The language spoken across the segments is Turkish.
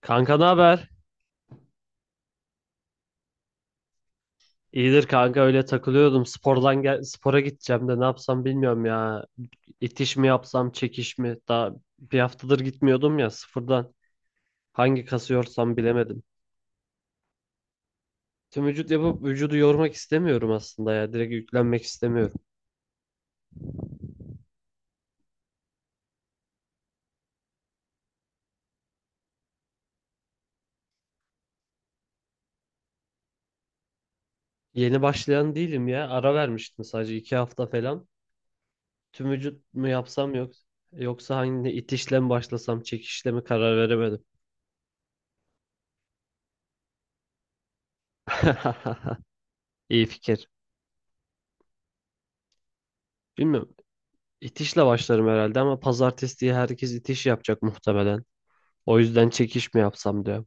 Kanka, ne haber? İyidir kanka, öyle takılıyordum. Spordan gel spora gideceğim de ne yapsam bilmiyorum ya. İtiş mi yapsam, çekiş mi? Daha bir haftadır gitmiyordum ya, sıfırdan. Hangi kası yorsam bilemedim. Tüm vücut yapıp vücudu yormak istemiyorum aslında ya. Direkt yüklenmek istemiyorum. Yeni başlayan değilim ya. Ara vermiştim, sadece iki hafta falan. Tüm vücut mu yapsam, yok. Yoksa hangi itişle mi başlasam, çekişle mi, karar veremedim. İyi fikir. Bilmiyorum. İtişle başlarım herhalde ama pazartesi diye herkes itiş yapacak muhtemelen. O yüzden çekiş mi yapsam diyorum.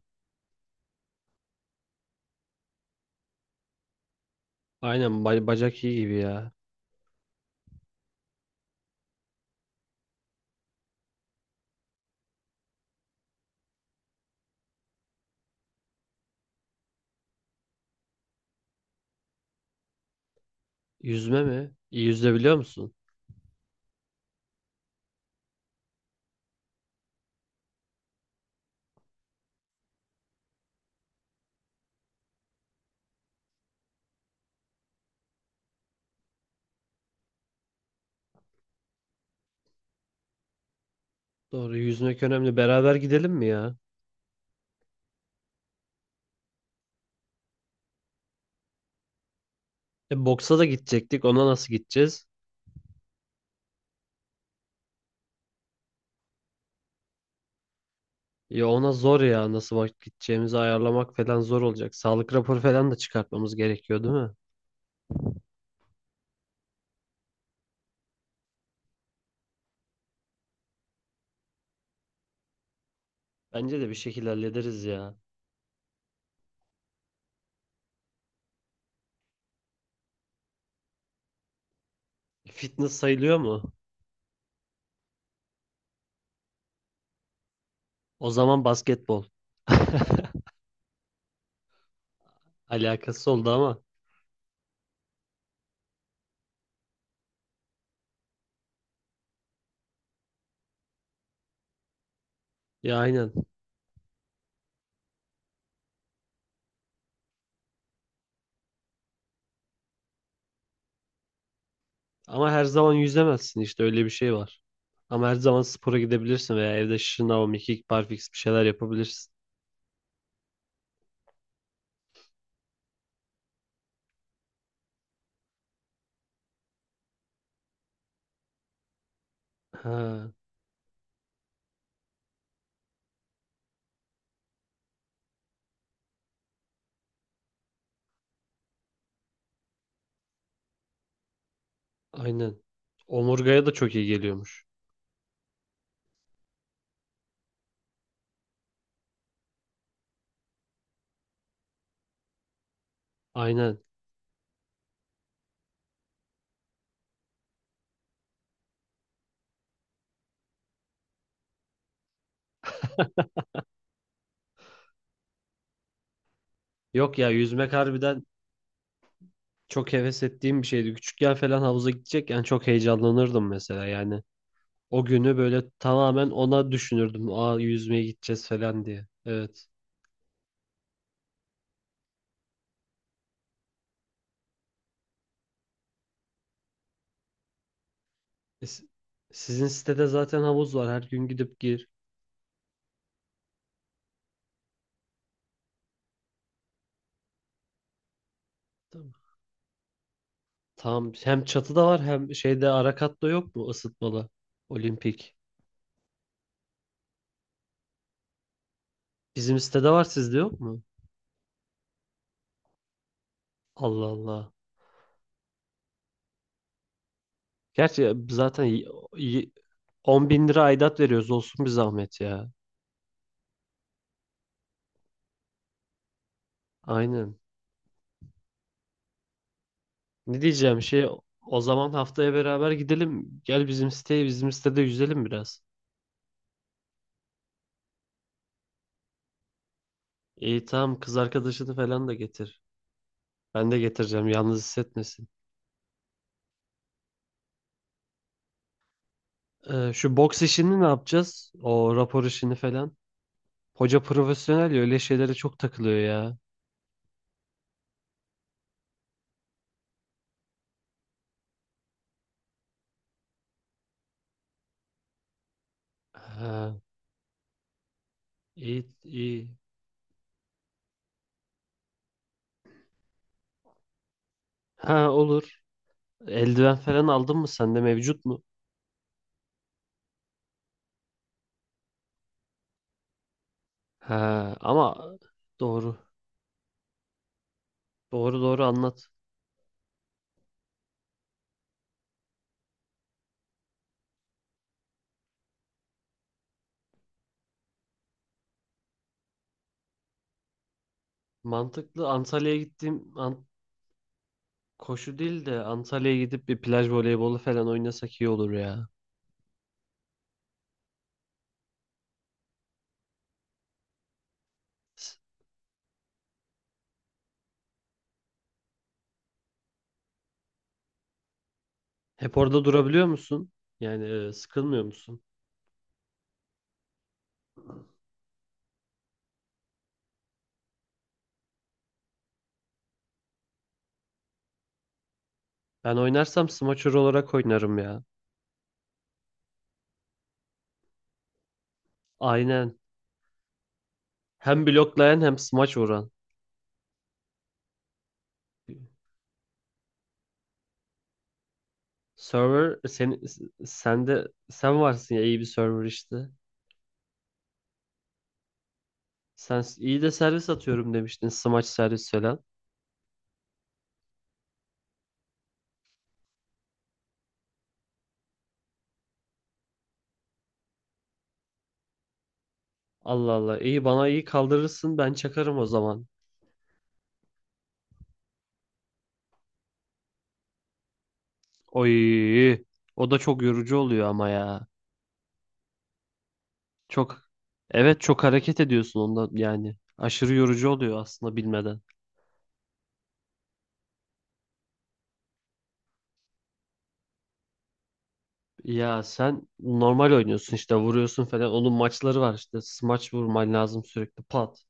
Aynen, bacak iyi gibi ya. Yüzme mi? İyi, yüzme biliyor musun? Doğru, yüzmek önemli. Beraber gidelim mi ya? E, boksa da gidecektik. Ona nasıl gideceğiz? Ya ona zor ya, nasıl vakit gideceğimizi ayarlamak falan zor olacak. Sağlık raporu falan da çıkartmamız gerekiyor değil mi? Bence de bir şekilde hallederiz ya. Fitness sayılıyor mu? O zaman basketbol. Alakası oldu ama. Ya aynen. Ama her zaman yüzemezsin, işte öyle bir şey var. Ama her zaman spora gidebilirsin veya evde şınav, mekik, barfiks bir şeyler yapabilirsin. Ha, aynen. Omurgaya da çok iyi geliyormuş. Aynen. Yok ya, yüzmek harbiden çok heves ettiğim bir şeydi. Küçükken falan havuza gidecekken çok heyecanlanırdım mesela, yani. O günü böyle tamamen ona düşünürdüm. Aa, yüzmeye gideceğiz falan diye. Evet. E, si- Sizin sitede zaten havuz var. Her gün gidip gir. Tamam. Tam hem çatıda var hem şeyde ara katta yok mu ısıtmalı? Olimpik. Bizim sitede var, sizde yok mu? Allah Allah. Gerçi zaten y- 10 bin lira aidat veriyoruz, olsun bir zahmet ya. Aynen. Ne diyeceğim şey, o zaman haftaya beraber gidelim. Gel bizim siteye, bizim sitede yüzelim biraz. İyi, tamam, kız arkadaşını falan da getir. Ben de getireceğim, yalnız hissetmesin. Şu boks işini ne yapacağız? O rapor işini falan. Hoca profesyonel ya, öyle şeylere çok takılıyor ya. Ha, iyi iyi. Ha, olur. Eldiven falan aldın mı? Sende mevcut mu? Ha ama doğru. Doğru doğru, anlat. Mantıklı. Koşu değil de Antalya'ya gidip bir plaj voleybolu falan oynasak iyi olur ya. S- Hep orada durabiliyor musun? Yani, sıkılmıyor musun? Ben oynarsam smaçör olarak oynarım ya. Aynen. Hem bloklayan hem smaç vuran. Server sen, sen de sen varsın ya, iyi bir server işte. İyi de servis atıyorum demiştin. Smaç, servis falan. Allah Allah. İyi, bana iyi kaldırırsın. Ben çakarım o zaman. Oy. O da çok yorucu oluyor ama ya. Çok Evet, çok hareket ediyorsun onda yani. Aşırı yorucu oluyor aslında, bilmeden. Ya sen normal oynuyorsun işte, vuruyorsun falan. Onun maçları var işte. Smaç vurman lazım sürekli. Pat.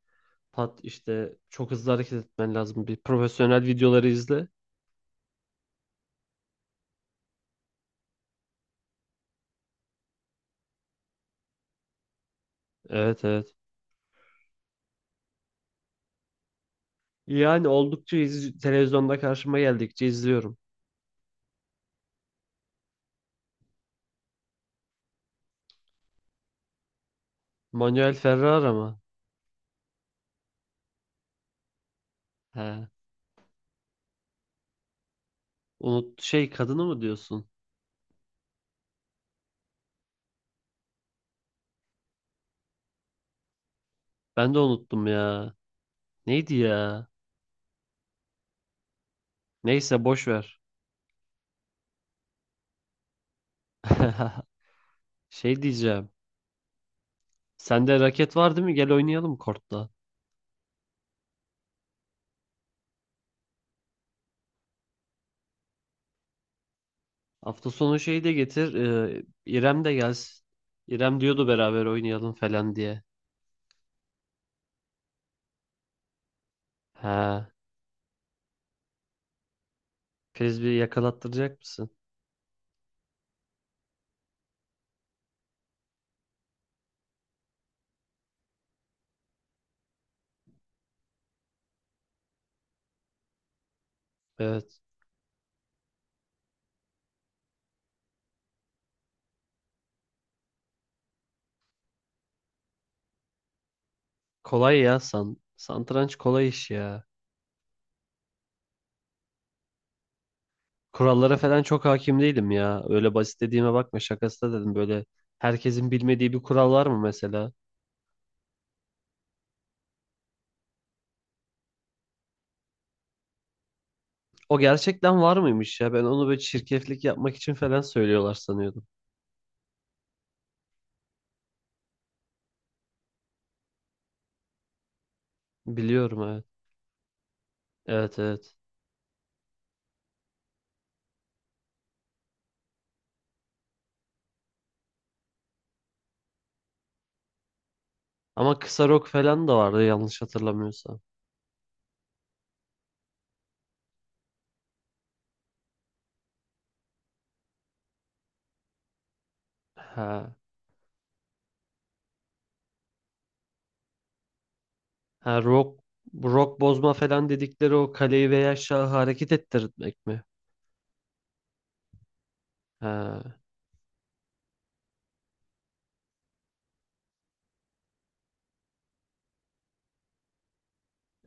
Pat işte, çok hızlı hareket etmen lazım. Bir profesyonel videoları izle. Evet evet. Televizyonda karşıma geldikçe izliyorum. Manuel Ferrara mı? He. Unut, şey kadını mı diyorsun? Ben de unuttum ya. Neydi ya? Neyse, boş ver. Şey diyeceğim. Sende raket var değil mi? Gel oynayalım kortta. Hafta sonu şeyi de getir. İrem de gelsin. İrem diyordu beraber oynayalım falan diye. Ha. Frisbee yakalattıracak mısın? Evet. Kolay ya san. Satranç kolay iş ya. Kurallara falan çok hakim değilim ya. Öyle basit dediğime bakma, şakası da dedim böyle. Herkesin bilmediği bir kural var mı mesela? O gerçekten var mıymış ya? Ben onu böyle çirkeflik yapmak için falan söylüyorlar sanıyordum. Biliyorum, evet. Evet evet. Ama kısa rok falan da vardı yanlış hatırlamıyorsam. Ha. Ha, rok bozma falan dedikleri, o kaleyi veya şahı hareket ettirmek mi? Ha.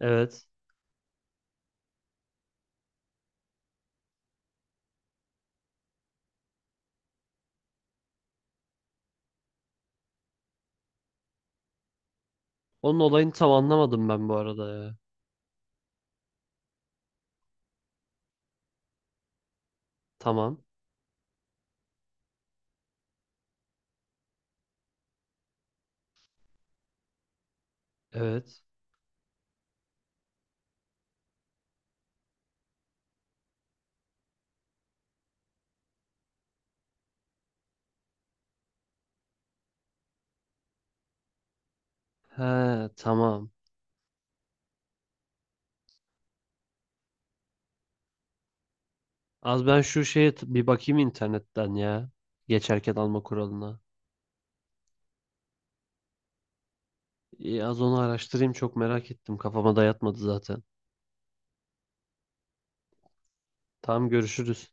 Evet. Onun olayını tam anlamadım ben bu arada ya. Tamam. Evet. He, tamam. Az ben şu şeye t- Bir bakayım internetten ya. Geçerken alma kuralına. İyi, az onu araştırayım, çok merak ettim. Kafama dayatmadı zaten. Tamam, görüşürüz.